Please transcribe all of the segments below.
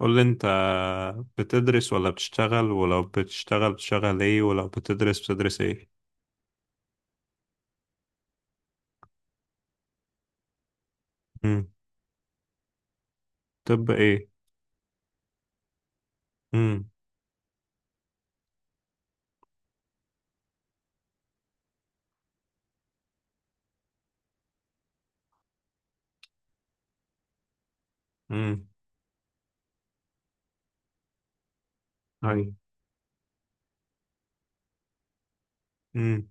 قول لي انت، بتدرس ولا بتشتغل؟ ولو بتشتغل بتشتغل ايه؟ ولو بتدرس بتدرس ايه؟ امم. طب ايه؟ امم. امم. اي. امم.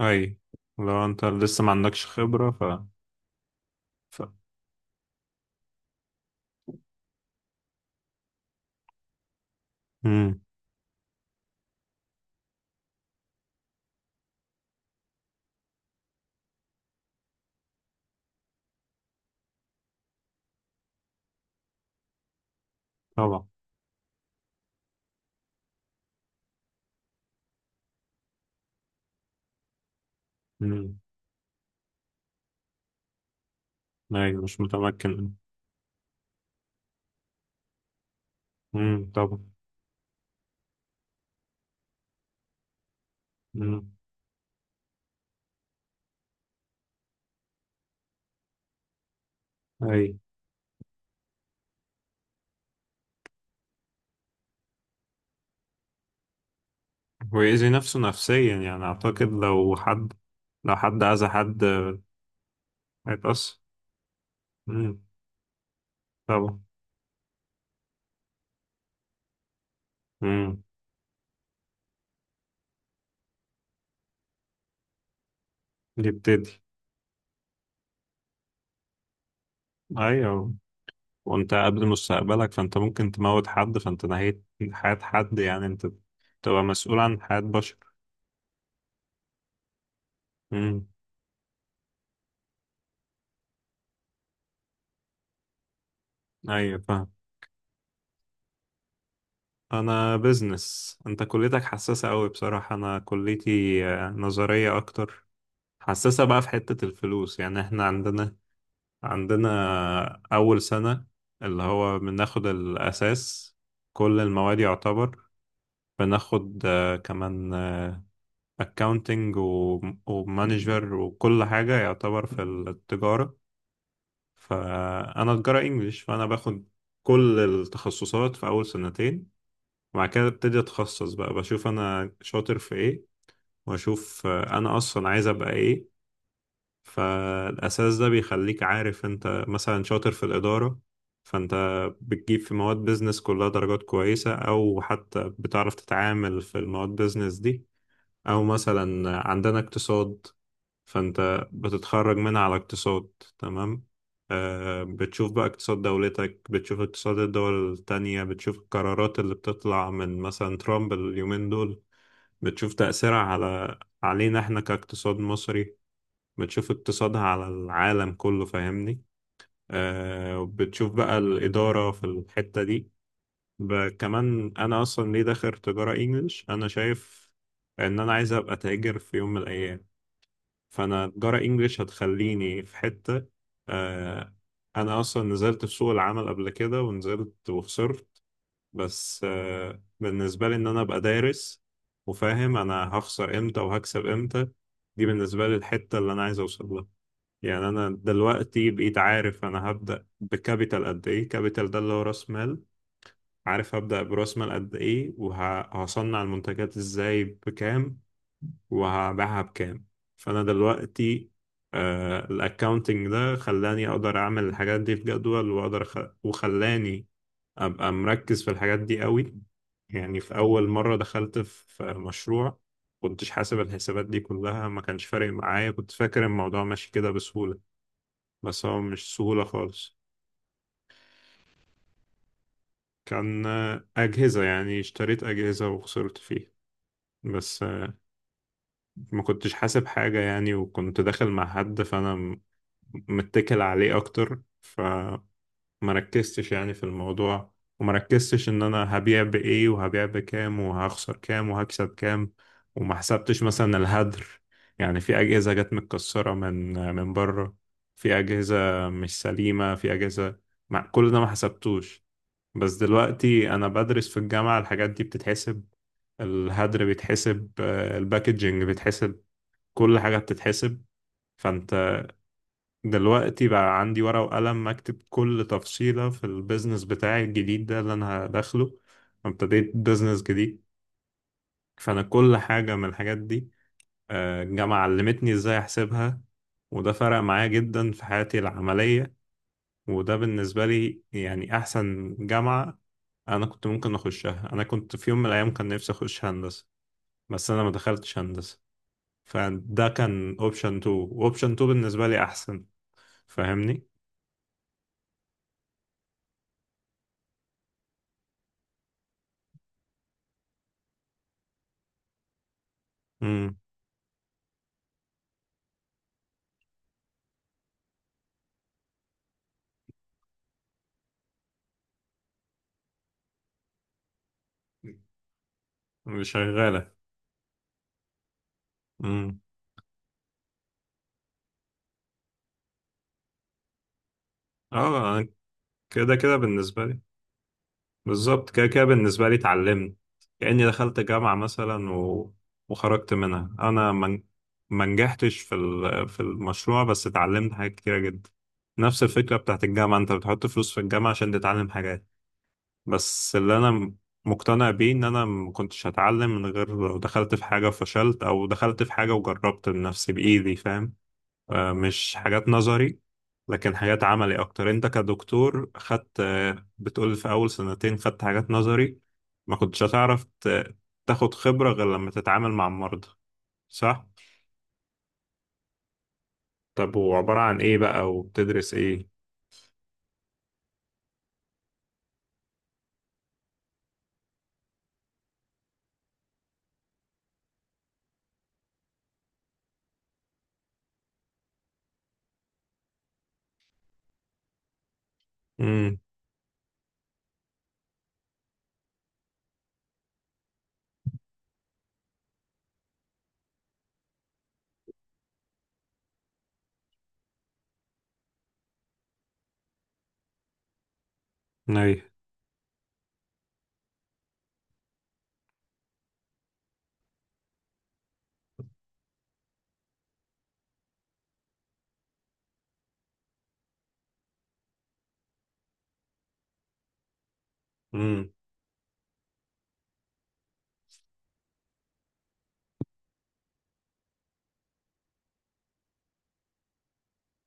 اي. لو انت لسه ما عندكش خبرة، ف... امم. طبعا. امم. اي، مش متمكن. امم. طبعا. امم. اي. ويأذي نفسه نفسيا يعني، اعتقد لو حد، اذى حد هيتأثر. امم. طبعا. امم. يبتدي. ايوه. وانت قبل مستقبلك، فانت ممكن تموت حد، فانت نهيت حياة حد يعني. انت تبقى مسؤول عن حياة بشر. امم. ايوه، فاهم. انا بزنس. انت كليتك حساسة قوي بصراحة، انا كليتي نظرية اكتر. حساسة بقى في حتة الفلوس يعني. احنا عندنا عندنا اول سنة اللي هو بناخد الاساس، كل المواد يعتبر، بناخد كمان اكاونتنج ومانجر وكل حاجة يعتبر في التجارة. فانا تجاره انجليش، فانا باخد كل التخصصات في اول سنتين، وبعد كده ابتدي اتخصص بقى، بشوف انا شاطر في ايه، واشوف انا اصلا عايز ابقى ايه. فالاساس ده بيخليك عارف انت مثلا شاطر في الاداره، فانت بتجيب في مواد بيزنس كلها درجات كويسه، او حتى بتعرف تتعامل في المواد بيزنس دي. أو مثلا عندنا اقتصاد، فأنت بتتخرج منها على اقتصاد. تمام. بتشوف بقى اقتصاد دولتك، بتشوف اقتصاد الدول التانية، بتشوف القرارات اللي بتطلع من مثلا ترامب اليومين دول، بتشوف تأثيرها علينا احنا كاقتصاد مصري، بتشوف اقتصادها على العالم كله. فاهمني؟ بتشوف بقى الإدارة في الحتة دي. كمان، أنا أصلا ليه داخل تجارة إنجليش؟ أنا شايف ان انا عايز ابقى تاجر في يوم من الايام، فانا جرى انجليش هتخليني في حتة. آه انا اصلا نزلت في سوق العمل قبل كده، ونزلت وخسرت. بس بالنسبة لي ان انا ابقى دارس وفاهم انا هخسر امتى وهكسب امتى، دي بالنسبة لي الحتة اللي انا عايز اوصل لها يعني. انا دلوقتي بقيت عارف انا هبدأ بكابيتال قد ايه. كابيتال ده اللي هو راس مال. عارف هبدأ براس مال قد ايه، وهصنع المنتجات ازاي بكام، وهبيعها بكام. فانا دلوقتي، الاكاونتنج ده خلاني اقدر اعمل الحاجات دي في جدول، واقدر وخلاني ابقى مركز في الحاجات دي قوي. يعني في اول مرة دخلت في مشروع، كنتش حاسب الحسابات دي كلها، ما كانش فارق معايا، كنت فاكر الموضوع ماشي كده بسهولة، بس هو مش سهولة خالص. كان أجهزة، يعني اشتريت أجهزة وخسرت فيها. بس ما كنتش حاسب حاجة يعني، وكنت داخل مع حد فأنا متكل عليه اكتر، فمركزتش يعني في الموضوع. ومركزتش ان انا هبيع بايه وهبيع بكام وهخسر كام وهكسب كام، وما حسبتش مثلا الهدر. يعني في اجهزة جت متكسرة من بره، في اجهزة مش سليمة، في اجهزة. مع كل ده ما حسبتوش. بس دلوقتي انا بدرس في الجامعة، الحاجات دي بتتحسب. الهدر بيتحسب، الباكجينج بيتحسب، كل حاجة بتتحسب. فانت دلوقتي بقى عندي ورقة وقلم، أكتب كل تفصيلة في البيزنس بتاعي الجديد ده اللي أنا هدخله. ابتديت بيزنس جديد، فأنا كل حاجة من الحاجات دي، الجامعة علمتني إزاي أحسبها. وده فرق معايا جدا في حياتي العملية، وده بالنسبة لي يعني أحسن جامعة. أنا كنت ممكن أخشها. أنا كنت في يوم من الأيام كان نفسي أخش هندسة، بس أنا ما دخلتش هندسة. فده كان أوبشن 2، أوبشن 2 بالنسبة لي أحسن. فاهمني؟ مم. شغالة. امم. اه. أنا كده كده بالنسبة لي، بالظبط كده كده بالنسبة لي اتعلمت. كأني دخلت جامعة مثلا وخرجت منها انا ما نجحتش في المشروع، بس اتعلمت حاجات كتيرة جدا. نفس الفكرة بتاعت الجامعة، انت بتحط فلوس في الجامعة عشان تتعلم حاجات. بس اللي انا مقتنع بيه ان انا ما كنتش هتعلم من غير لو دخلت في حاجة وفشلت، او دخلت في حاجة وجربت بنفسي بإيدي. فاهم؟ مش حاجات نظري لكن حاجات عملي اكتر. انت كدكتور خدت، بتقول في اول سنتين خدت حاجات نظري، ما كنتش هتعرف تاخد خبرة غير لما تتعامل مع المرضى. صح. طب وعبارة عن ايه بقى، وبتدرس ايه؟ امم. اي. امم.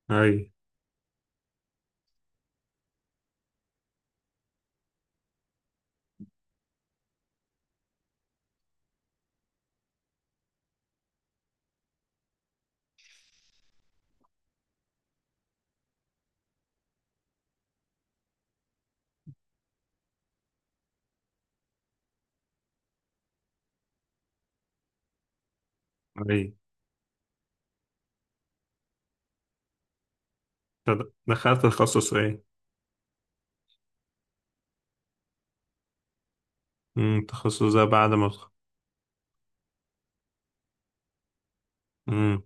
اي. اي. طب دخلت تخصص ايه؟ امم. التخصص ده بعد ما. امم.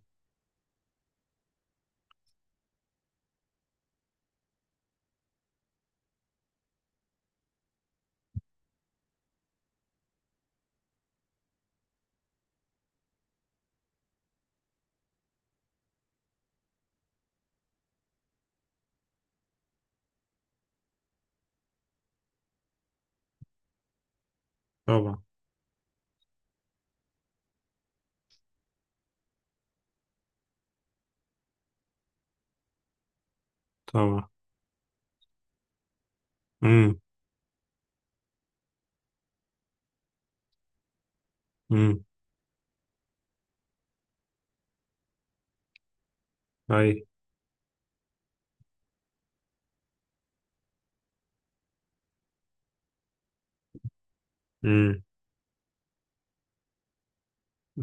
طبعا. طبعا. امم. امم. اي. امم.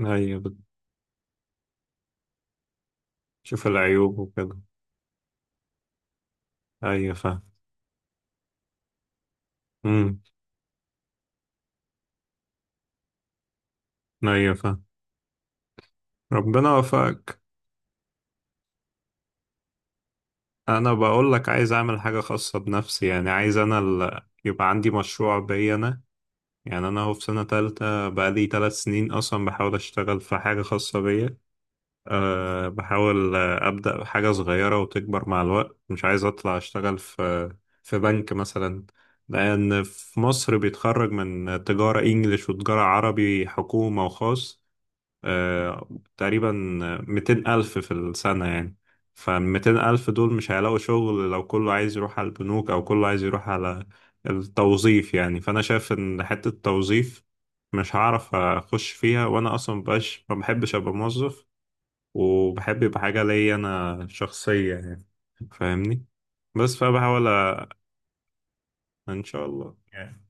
ايوه، بتشوف العيوب وكده. ايوه، فاهم. مم. ايوه، فاهم. ربنا وفقك. انا بقول لك، عايز اعمل حاجه خاصه بنفسي يعني. عايز انا يبقى عندي مشروع بيا انا، يعني انا اهو في سنه تالتة، بقالي 3 سنين اصلا بحاول اشتغل في حاجه خاصه بيا. بحاول ابدا بحاجه صغيره وتكبر مع الوقت. مش عايز اطلع اشتغل في بنك مثلا، لان في مصر بيتخرج من تجاره انجليش وتجاره عربي، حكومه وخاص، آه، تقريبا 200 ألف في السنة يعني. فالميتين ألف دول مش هيلاقوا شغل، لو كله عايز يروح على البنوك أو كله عايز يروح على التوظيف يعني. فأنا شايف إن حتة التوظيف مش هعرف أخش فيها، وأنا أصلا مبقاش، ما بحبش أبقى موظف، وبحب يبقى حاجة ليا أنا شخصية يعني. فاهمني؟ بس إن شاء الله يعني.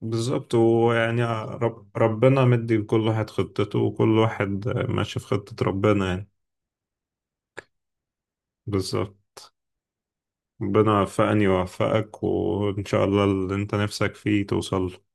بالظبط. ويعني ربنا مدي لكل واحد خطته، وكل واحد ماشي في خطة ربنا يعني. بالظبط. ربنا يوفقني ويوفقك، وإن شاء الله اللي أنت نفسك فيه توصل له.